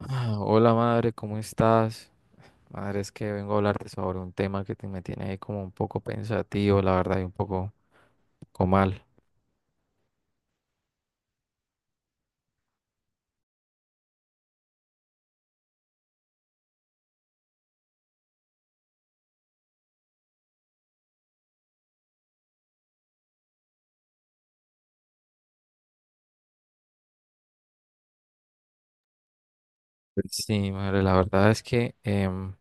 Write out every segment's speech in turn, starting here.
Hola, madre, ¿cómo estás? Madre, es que vengo a hablarte sobre un tema que me tiene ahí como un poco pensativo, la verdad, y un poco mal. Pues sí, madre, la verdad es que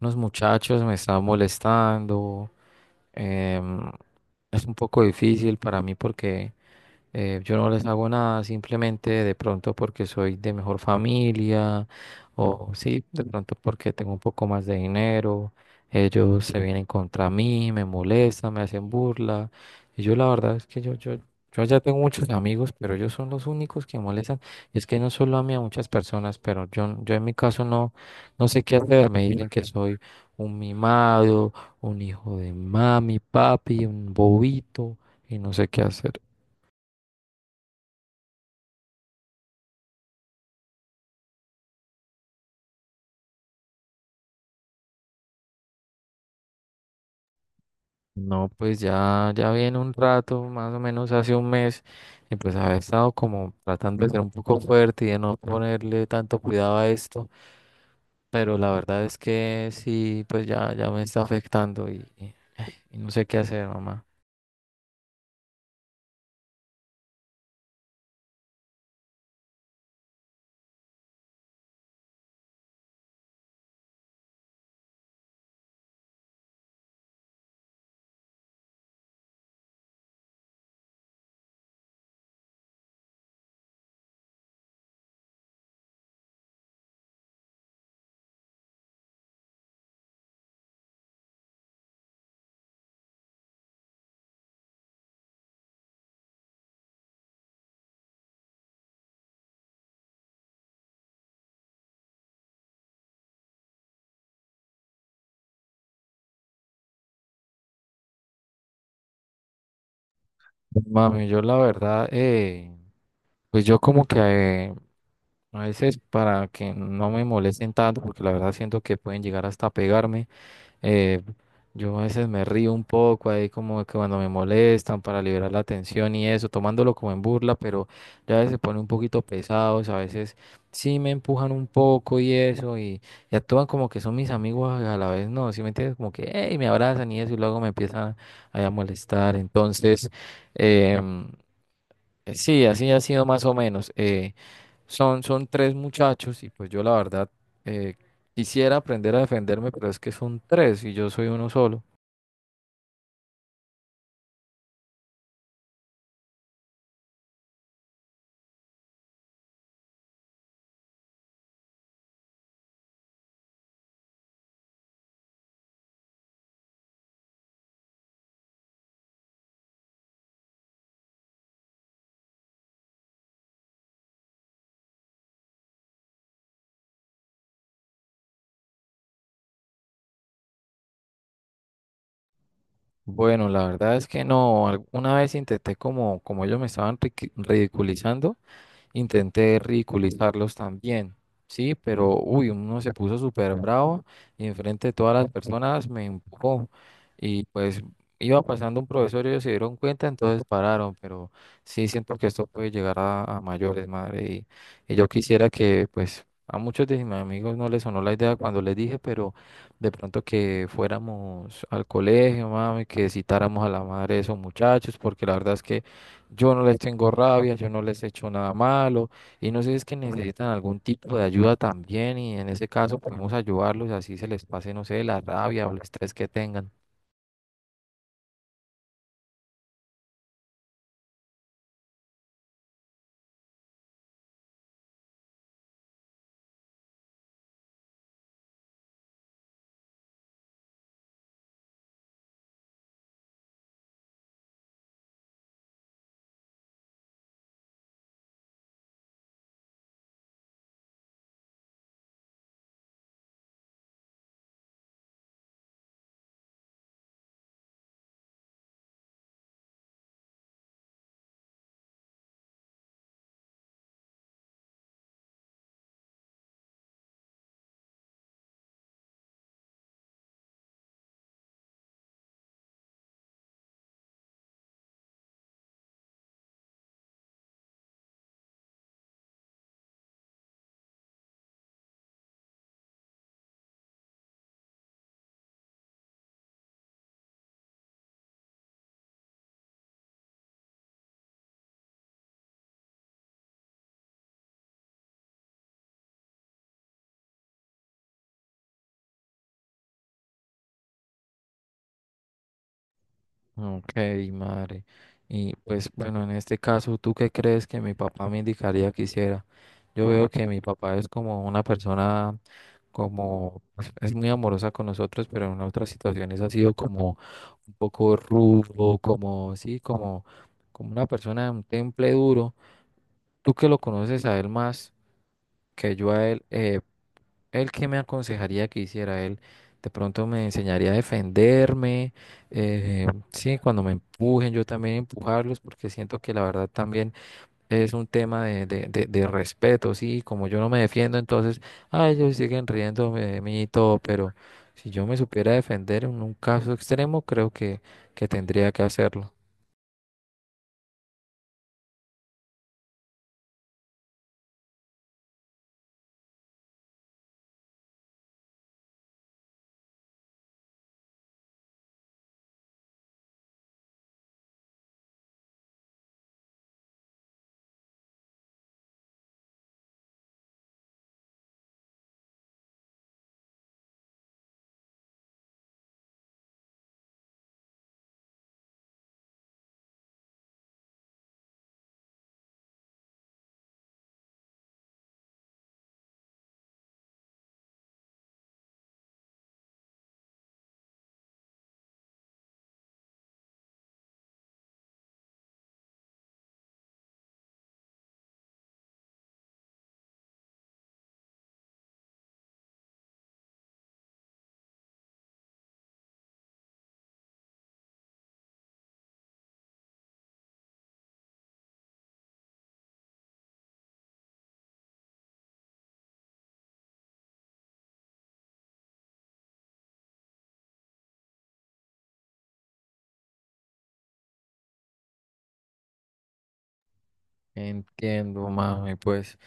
unos muchachos me están molestando. em, es un poco difícil para mí porque yo no les hago nada, simplemente de pronto porque soy de mejor familia o sí, de pronto porque tengo un poco más de dinero. Ellos se vienen contra mí, me molestan, me hacen burla. Y yo la verdad es que yo ya tengo muchos amigos, pero ellos son los únicos que molestan. Y es que no solo a mí, a muchas personas, pero yo en mi caso no sé qué hacer. Me dicen que soy un mimado, un hijo de mami, papi, un bobito, y no sé qué hacer. No, pues ya viene un rato, más o menos hace un mes, y pues había estado como tratando de ser un poco fuerte y de no ponerle tanto cuidado a esto, pero la verdad es que sí, pues ya me está afectando y no sé qué hacer, mamá. Mami, yo la verdad, pues yo como que a veces para que no me molesten tanto, porque la verdad siento que pueden llegar hasta pegarme. Eh, yo a veces me río un poco ahí como que cuando me molestan, para liberar la tensión y eso, tomándolo como en burla, pero ya a veces se ponen un poquito pesados, a veces sí me empujan un poco y eso, y actúan como que son mis amigos a la vez, ¿no?, ¿si me entiendes? Como que "Ey", me abrazan y eso, y luego me empiezan ahí a molestar. Entonces, em, sí, así ha sido más o menos. Son son tres muchachos, y pues yo la verdad eh, quisiera aprender a defenderme, pero es que son tres y yo soy uno solo. Bueno, la verdad es que no, alguna vez intenté, como, como ellos me estaban ridiculizando, intenté ridiculizarlos también, sí, pero uy, uno se puso súper bravo y enfrente de todas las personas me empujó, y pues iba pasando un profesor y ellos se dieron cuenta, entonces pararon, pero sí siento que esto puede llegar a mayores, madre, y yo quisiera que pues a muchos de mis amigos no les sonó la idea cuando les dije, pero de pronto que fuéramos al colegio, mami, que citáramos a la madre de esos muchachos, porque la verdad es que yo no les tengo rabia, yo no les he hecho nada malo, y no sé si es que necesitan algún tipo de ayuda también, y en ese caso podemos ayudarlos así se les pase, no sé, la rabia o el estrés que tengan. Ok, madre. Y pues bueno, en este caso, ¿tú qué crees que mi papá me indicaría que hiciera? Yo veo que mi papá es como una persona, como, pues, es muy amorosa con nosotros, pero en otras situaciones ha sido como un poco rudo, como, sí, como, como una persona de un temple duro. Tú que lo conoces a él más que yo a él, ¿él qué me aconsejaría que hiciera? Él de pronto me enseñaría a defenderme, eh, sí, cuando me empujen, yo también empujarlos, porque siento que la verdad también es un tema de respeto, sí, como yo no me defiendo, entonces, ah, ellos siguen riéndome de mí y todo, pero si yo me supiera defender, en un caso extremo, creo que tendría que hacerlo. Entiendo, mami, pues.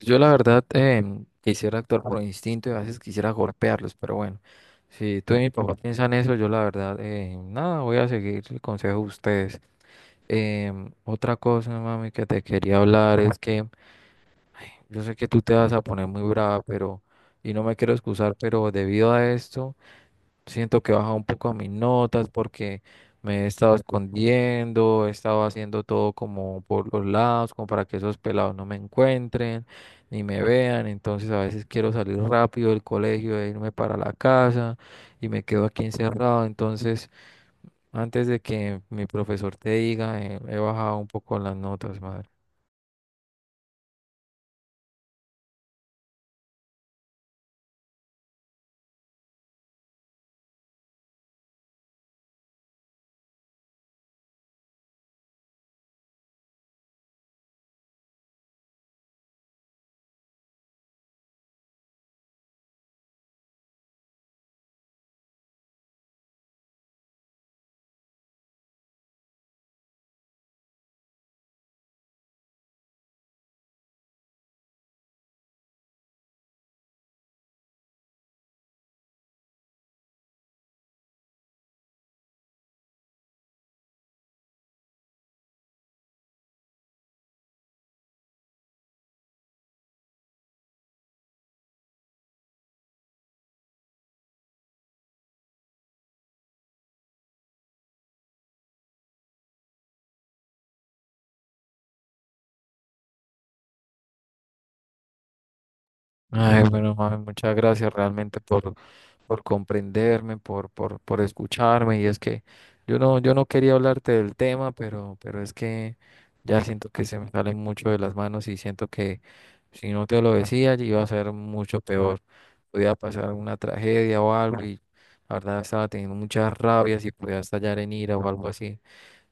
Yo la verdad, quisiera actuar por instinto y a veces quisiera golpearlos, pero bueno, si tú y mi papá piensan eso, yo la verdad, nada, voy a seguir el consejo de ustedes. Otra cosa, mami, que te quería hablar es que ay, yo sé que tú te vas a poner muy brava, y no me quiero excusar, pero debido a esto... Siento que he bajado un poco mis notas porque me he estado escondiendo, he estado haciendo todo como por los lados, como para que esos pelados no me encuentren ni me vean. Entonces a veces quiero salir rápido del colegio e irme para la casa y me quedo aquí encerrado. Entonces, antes de que mi profesor te diga, he bajado un poco las notas, madre. Ay, bueno, mami, muchas gracias realmente por comprenderme, por escucharme. Y es que yo no quería hablarte del tema, pero es que ya siento que se me salen mucho de las manos, y siento que si no te lo decía, iba a ser mucho peor. Podía pasar una tragedia o algo, y la verdad estaba teniendo muchas rabias y podía estallar en ira o algo así.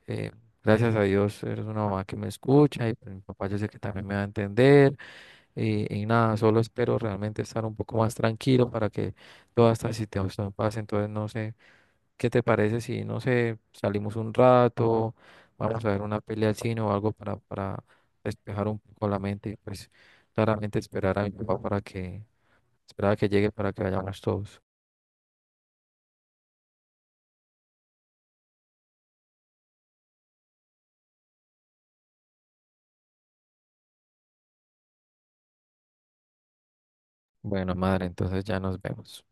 Eh, Gracias a Dios eres una mamá que me escucha, y pues mi papá yo sé que también me va a entender. Y nada, solo espero realmente estar un poco más tranquilo para que todas estas situaciones pasen. Entonces, no sé, ¿qué te parece si, no sé, salimos un rato, vamos a ver una pelea al cine o algo, para despejar un poco la mente, y pues claramente esperar a mi papá esperar a que llegue para que vayamos todos? Bueno, madre, entonces ya nos vemos.